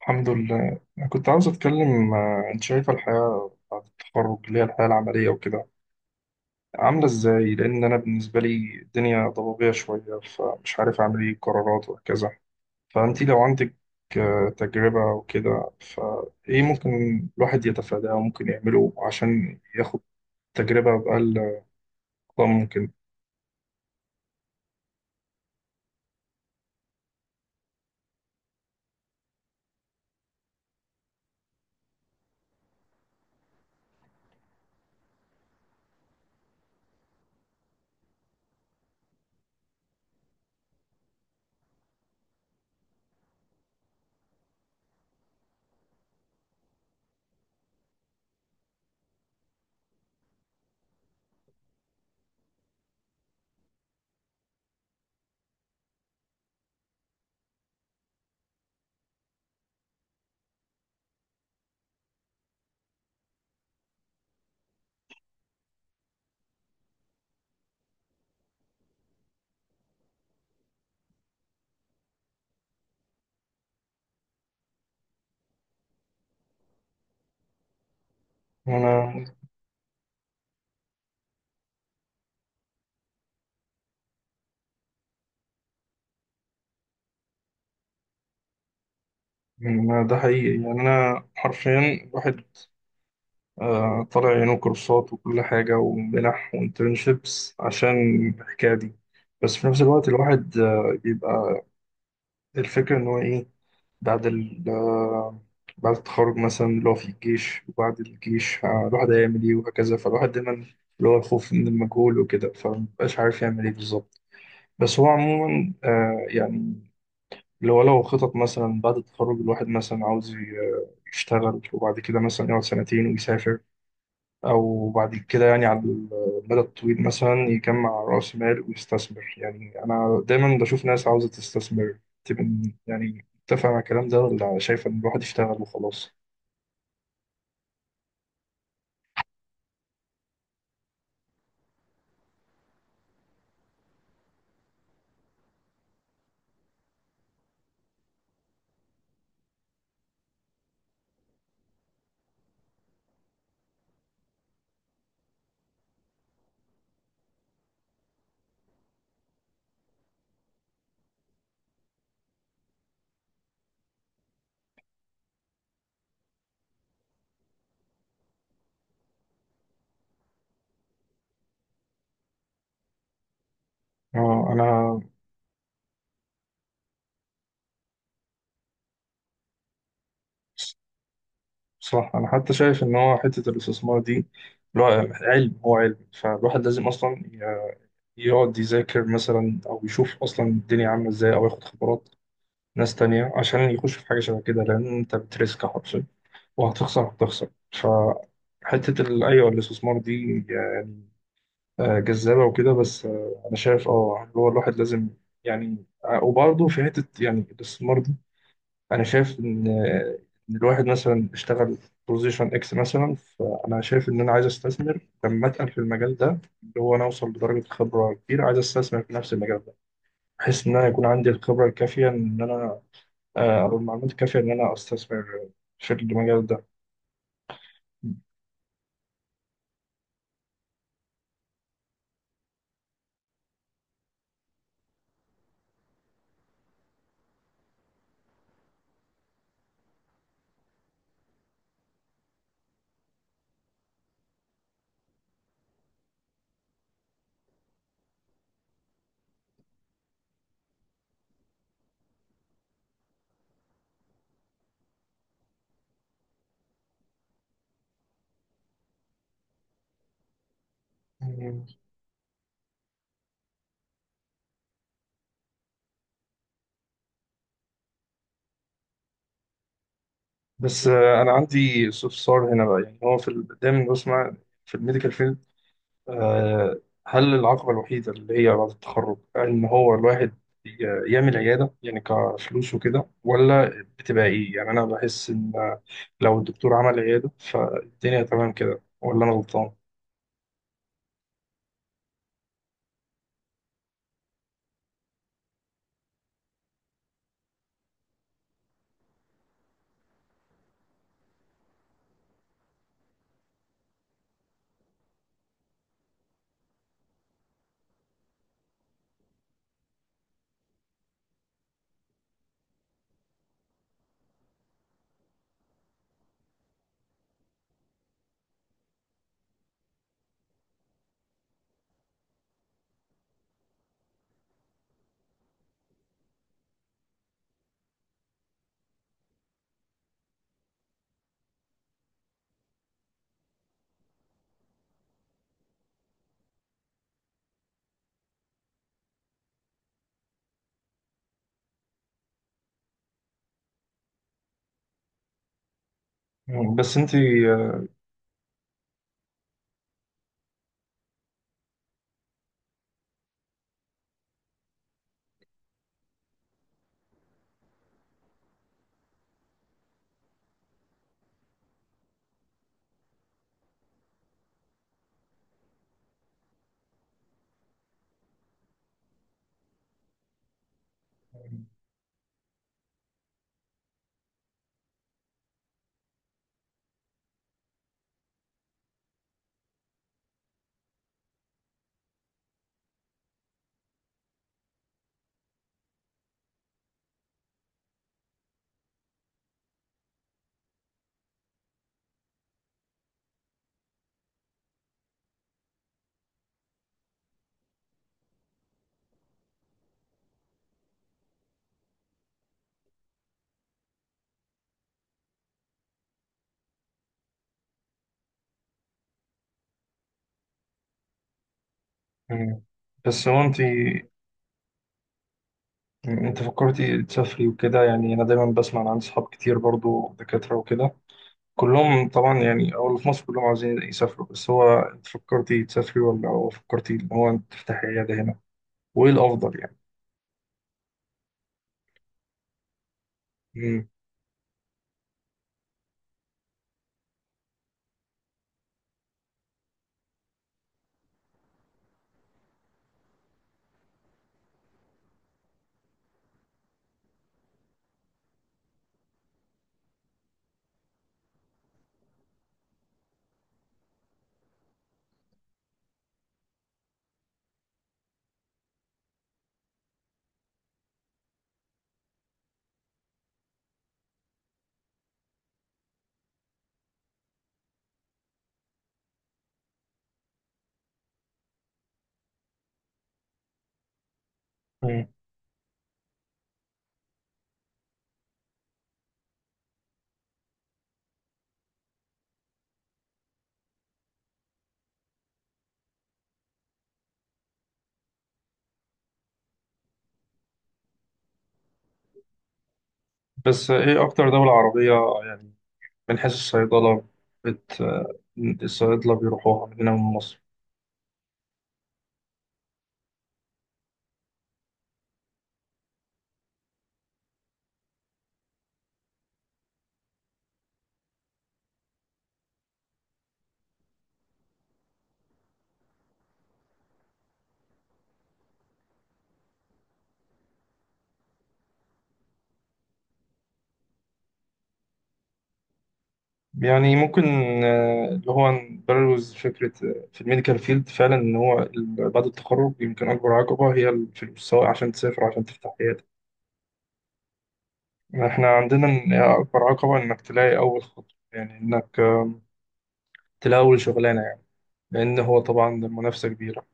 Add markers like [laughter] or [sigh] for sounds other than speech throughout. الحمد لله أنا كنت عاوز أتكلم أنت شايفة الحياة بعد التخرج اللي هي الحياة العملية وكده عاملة إزاي؟ لأن أنا بالنسبة لي الدنيا ضبابية شوية فمش عارف أعمل إيه قرارات وهكذا فأنت لو عندك تجربة وكده فإيه ممكن الواحد يتفاداه وممكن يعمله عشان ياخد تجربة بأقل أقوى ممكن؟ أنا يعني أنا ده حقيقي يعني أنا حرفيا الواحد طالع عينه كورسات وكل حاجة ومنح وانترنشيبس عشان الحكاية دي. بس في نفس الوقت الواحد بيبقى الفكرة إن هو إيه بعد ال آه، بعد التخرج مثلا اللي هو في الجيش وبعد الجيش الواحد هيعمل إيه وهكذا، فالواحد دايما اللي هو الخوف من المجهول وكده فمبقاش عارف يعمل إيه بالظبط. بس هو عموما يعني لو خطط مثلا بعد التخرج، الواحد مثلا عاوز يشتغل وبعد كده مثلا يقعد سنتين ويسافر، أو بعد كده يعني على المدى الطويل مثلا يجمع رأس مال ويستثمر. يعني أنا دايما بشوف ناس عاوزة تستثمر تبقى يعني متفق مع الكلام ده، ولا شايف إن الواحد يشتغل وخلاص. آه، أنا صح، أنا حتى شايف إن هو حتة الاستثمار دي اللي هو علم، هو علم فالواحد لازم أصلا يقعد يذاكر مثلا أو يشوف أصلا الدنيا عاملة إزاي، أو ياخد خبرات ناس تانية عشان يخش في حاجة شبه كده، لأن أنت بتريسك حرفيا وهتخسر فحتة أيوة الاستثمار دي يعني جذابة وكده، بس أنا شايف أه اللي هو الواحد لازم يعني وبرضه في حتة يعني الاستثمار دي أنا شايف إن إن الواحد مثلا اشتغل بوزيشن إكس مثلا، فأنا شايف إن أنا عايز أستثمر لما أتقل في المجال ده، اللي هو أنا أوصل لدرجة خبرة كبيرة، عايز أستثمر في نفس المجال ده، بحيث إن أنا يكون عندي الخبرة الكافية إن أنا أو المعلومات الكافية إن أنا أستثمر في المجال ده. بس انا عندي استفسار هنا بقى، يعني هو في دايما بسمع في الميديكال فيلد، آه، هل العقبه الوحيده اللي هي بعد التخرج ان هو الواحد يعمل عياده، يعني كفلوس وكده، ولا بتبقى ايه؟ يعني انا بحس ان لو الدكتور عمل عياده فالدنيا تمام كده، ولا انا غلطان؟ مم، بس انت مم. بس هو انت فكرتي تسافري وكده؟ يعني انا دايما بسمع عن صحاب كتير برضو دكاترة وكده، كلهم طبعا يعني او اللي في مصر كلهم عاوزين يسافروا، بس هو انت فكرتي تسافري، ولا هو فكرتي ان هو انت تفتحي عياده هنا؟ وايه الافضل يعني؟ مم. مم. بس ايه اكتر دولة عربية يعني من حيث الصيدلة بت الصيادلة بيروحوها من هنا من مصر؟ يعني ممكن اللي هو نبرز فكرة في الميديكال فيلد فعلا إن هو بعد التخرج يمكن أكبر عقبة هي الفلوس، سواء عشان تسافر عشان تفتح. احنا عندنا إن اكبر عقبة انك تلاقي اول خطوة، يعني انك تلاقي اول شغلانة، يعني لان هو طبعا المنافسة كبيرة.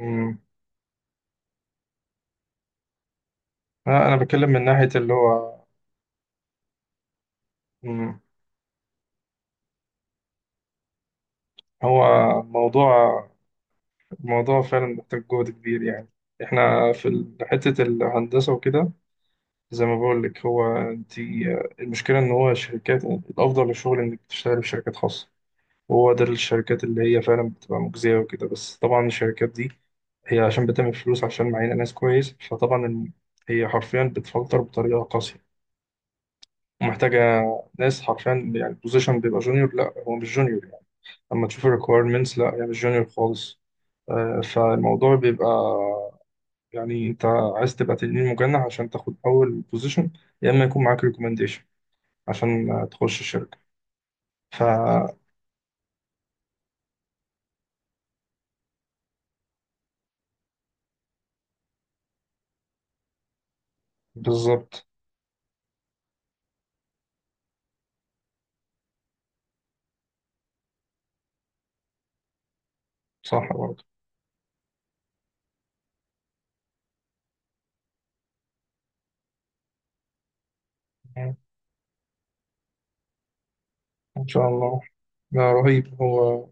أمم. أنا بتكلم من ناحية اللي هو أمم، هو موضوع موضوع فعلا محتاج جهد كبير يعني. احنا في حتة الهندسة وكده زي ما بقول لك، هو انت المشكلة ان هو الشركات الافضل للشغل انك تشتغل في شركات خاصة. هو ده الشركات اللي هي فعلا بتبقى مجزية وكده، بس طبعا الشركات دي هي عشان بتعمل فلوس، عشان معينة ناس كويس، فطبعا هي حرفيا بتفلتر بطريقة قاسية، ومحتاجة ناس حرفيا، يعني البوزيشن بيبقى جونيور، لا هو مش جونيور يعني، لما تشوف الريكويرمنتس لا هي مش جونيور خالص. فالموضوع بيبقى يعني انت عايز تبقى تنين مجنح عشان تاخد اول بوزيشن، يا اما يكون معاك ريكومنديشن عشان تخش الشركة. فبالظبط. صح برضه. إن شاء الله. لا، رهيب هو.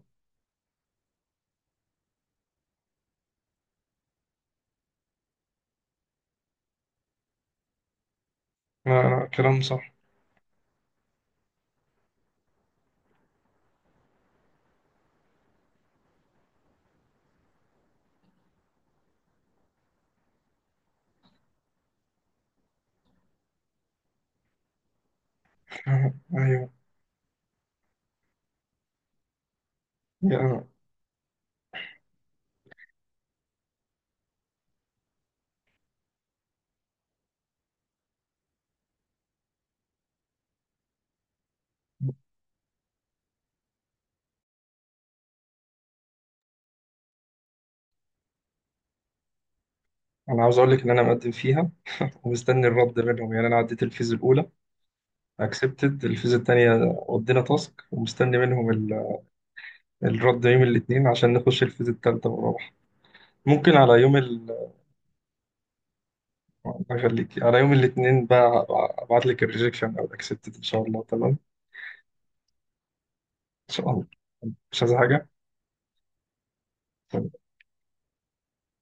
لا لا، كلام صح. [laughs] أيوه. يعني أنا عاوز أقول لك إن أنا مقدم فيها، ومستني الرد منهم. يعني أنا عديت الفيز الأولى، أكسبتد الفيز التانية، ودينا تاسك، ومستني منهم الرد يوم الاثنين عشان نخش الفيز التالتة والرابعة. ممكن على يوم أخليك على يوم الاثنين بقى، أبعت لك الريجكشن أو الأكسبتد، إن شاء الله تمام. إن شاء الله. مش عايز حاجة. طيب.